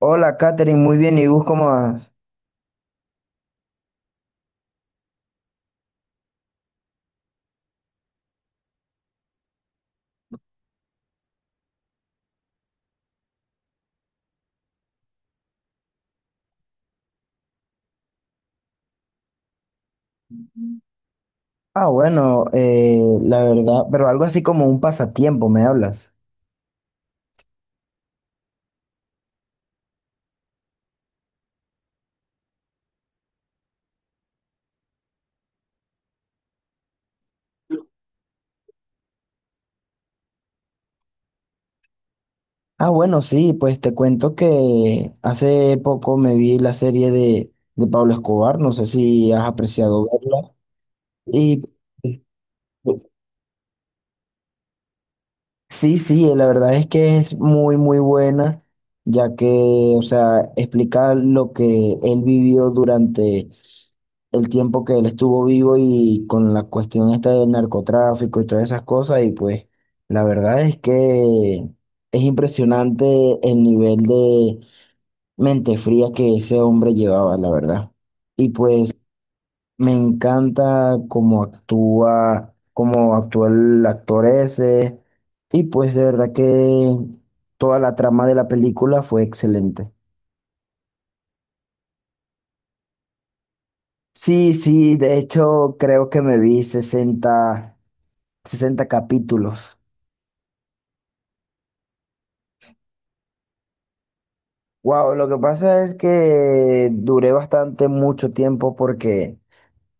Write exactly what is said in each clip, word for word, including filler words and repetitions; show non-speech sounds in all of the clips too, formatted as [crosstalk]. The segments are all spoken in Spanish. Hola, Katherine, muy bien. ¿Y vos cómo vas? Ah, bueno, eh, la verdad, pero algo así como un pasatiempo, ¿me hablas? Ah, bueno, sí, pues te cuento que hace poco me vi la serie de, de Pablo Escobar, no sé si has apreciado verla. Y pues, pues, sí, sí, la verdad es que es muy, muy buena, ya que, o sea, explica lo que él vivió durante el tiempo que él estuvo vivo y con la cuestión esta del narcotráfico y todas esas cosas. Y pues la verdad es que es impresionante el nivel de mente fría que ese hombre llevaba, la verdad. Y pues me encanta cómo actúa, cómo actúa el actor ese. Y pues de verdad que toda la trama de la película fue excelente. Sí, sí, de hecho creo que me vi sesenta sesenta capítulos. Wow, lo que pasa es que duré bastante mucho tiempo porque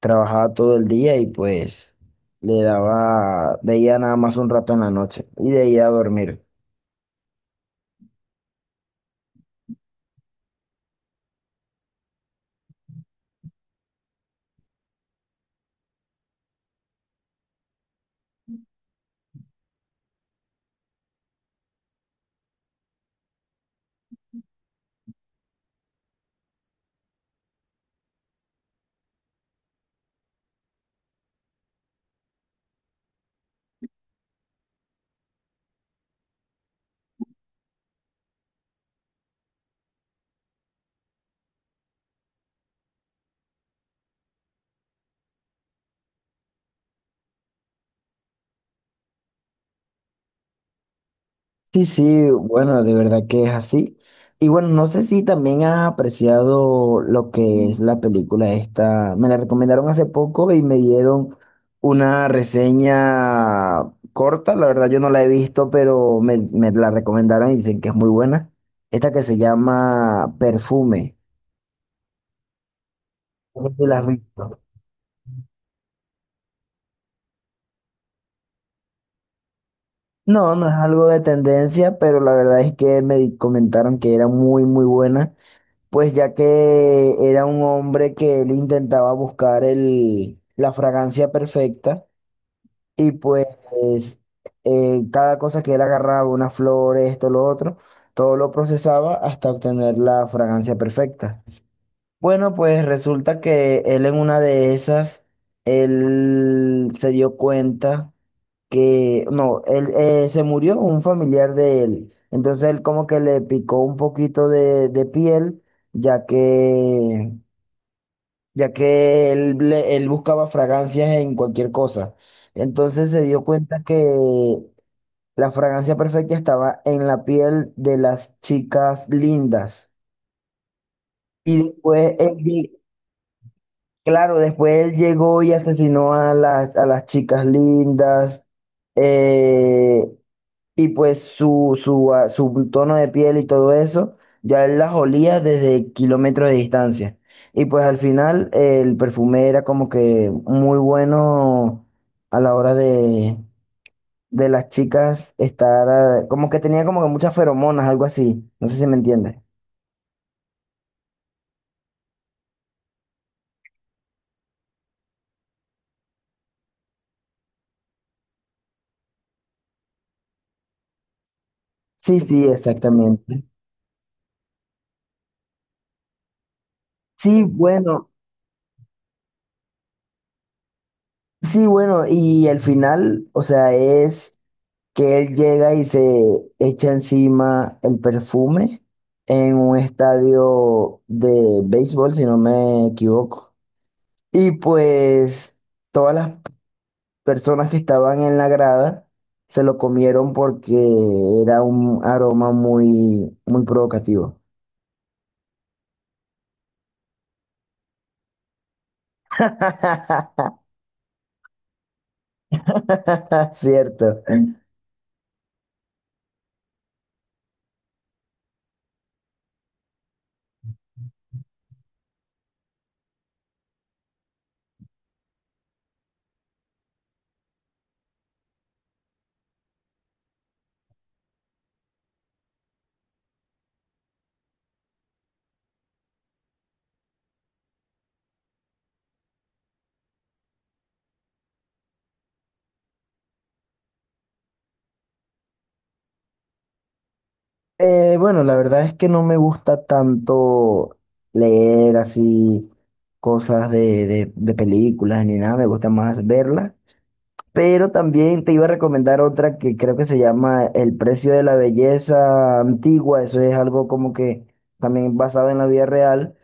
trabajaba todo el día y pues le daba, veía nada más un rato en la noche y de ahí a dormir. Sí, sí, bueno, de verdad que es así. Y bueno, no sé si también has apreciado lo que es la película esta. Me la recomendaron hace poco y me dieron una reseña corta. La verdad yo no la he visto, pero me, me la recomendaron y dicen que es muy buena. Esta que se llama Perfume. No sé si la has visto. No, no es algo de tendencia, pero la verdad es que me di- comentaron que era muy, muy buena. Pues ya que era un hombre que él intentaba buscar el, la fragancia perfecta, y pues eh, cada cosa que él agarraba, una flor, esto, lo otro, todo lo procesaba hasta obtener la fragancia perfecta. Bueno, pues resulta que él, en una de esas, él se dio cuenta que no, él eh, se murió un familiar de él. Entonces él como que le picó un poquito de, de piel, ya que, ya que él, le- él buscaba fragancias en cualquier cosa. Entonces se dio cuenta que la fragancia perfecta estaba en la piel de las chicas lindas. Y después él, lle- claro, después él llegó y asesinó a las, a las chicas lindas. eh, Y pues su, su, ah, su tono de piel y todo eso, ya él las olía desde kilómetros de distancia. Y pues al final eh, el perfume era como que muy bueno a la hora de, de las chicas estar, ah, como que tenía como que muchas feromonas, algo así. No sé si me entiendes. Sí, sí, exactamente. Sí, bueno, sí, bueno, y al final, o sea, es que él llega y se echa encima el perfume en un estadio de béisbol, si no me equivoco. Y pues todas las personas que estaban en la grada se lo comieron porque era un aroma muy, muy provocativo. [laughs] Cierto. Eh, bueno, la verdad es que no me gusta tanto leer así cosas de, de, de películas ni nada, me gusta más verlas. Pero también te iba a recomendar otra que creo que se llama El precio de la belleza antigua. Eso es algo como que también basado en la vida real,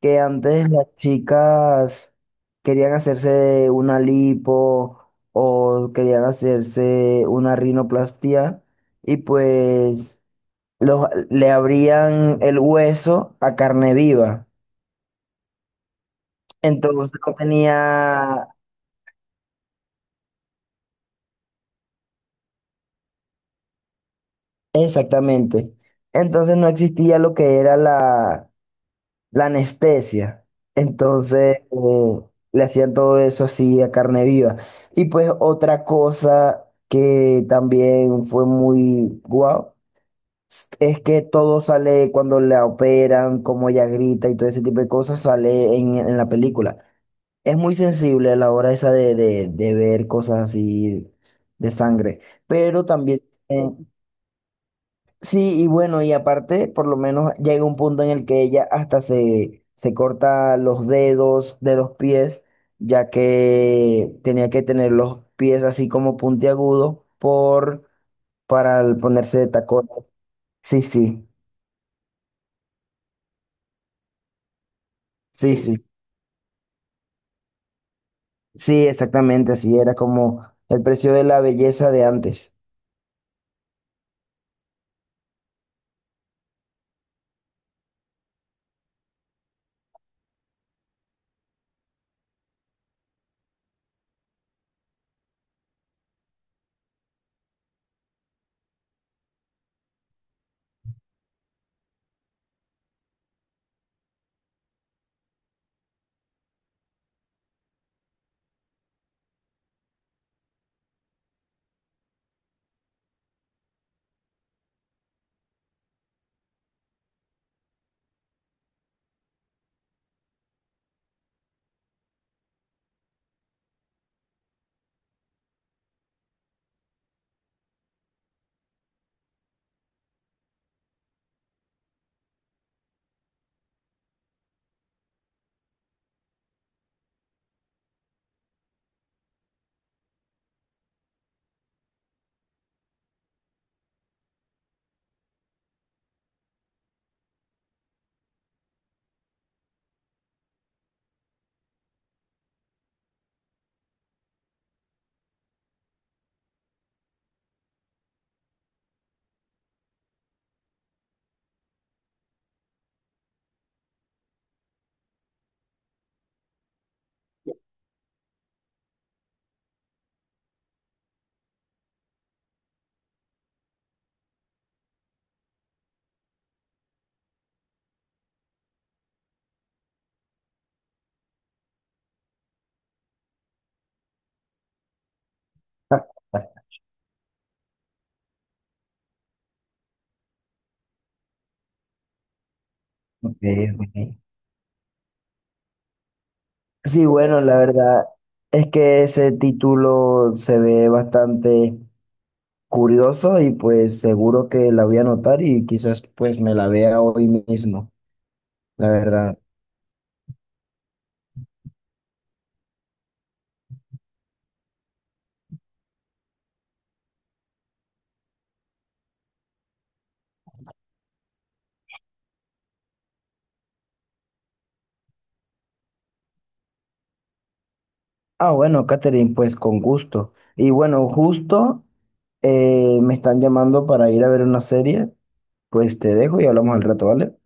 que antes las chicas querían hacerse una lipo o querían hacerse una rinoplastia, y pues los- le abrían el hueso a carne viva. Entonces no tenía, exactamente. Entonces no existía lo que era la, la anestesia. Entonces eh, le hacían todo eso así a carne viva. Y pues otra cosa que también fue muy guau. Es que todo sale cuando la operan, como ella grita y todo ese tipo de cosas sale en en la película. Es muy sensible a la hora esa de, de, de ver cosas así de sangre, pero también, eh, sí, y bueno, y aparte, por lo menos llega un punto en el que ella hasta se, se corta los dedos de los pies, ya que tenía que tener los pies así como puntiagudos por, para el ponerse de tacones. Sí, sí, sí, sí, sí, exactamente, así era como el precio de la belleza de antes. [laughs] Ok, ok. Sí, bueno, la verdad es que ese título se ve bastante curioso y pues seguro que la voy a anotar y quizás pues me la vea hoy mismo, la verdad. Ah, bueno, Catherine, pues con gusto. Y bueno, justo eh, me están llamando para ir a ver una serie, pues te dejo y hablamos al rato, ¿vale?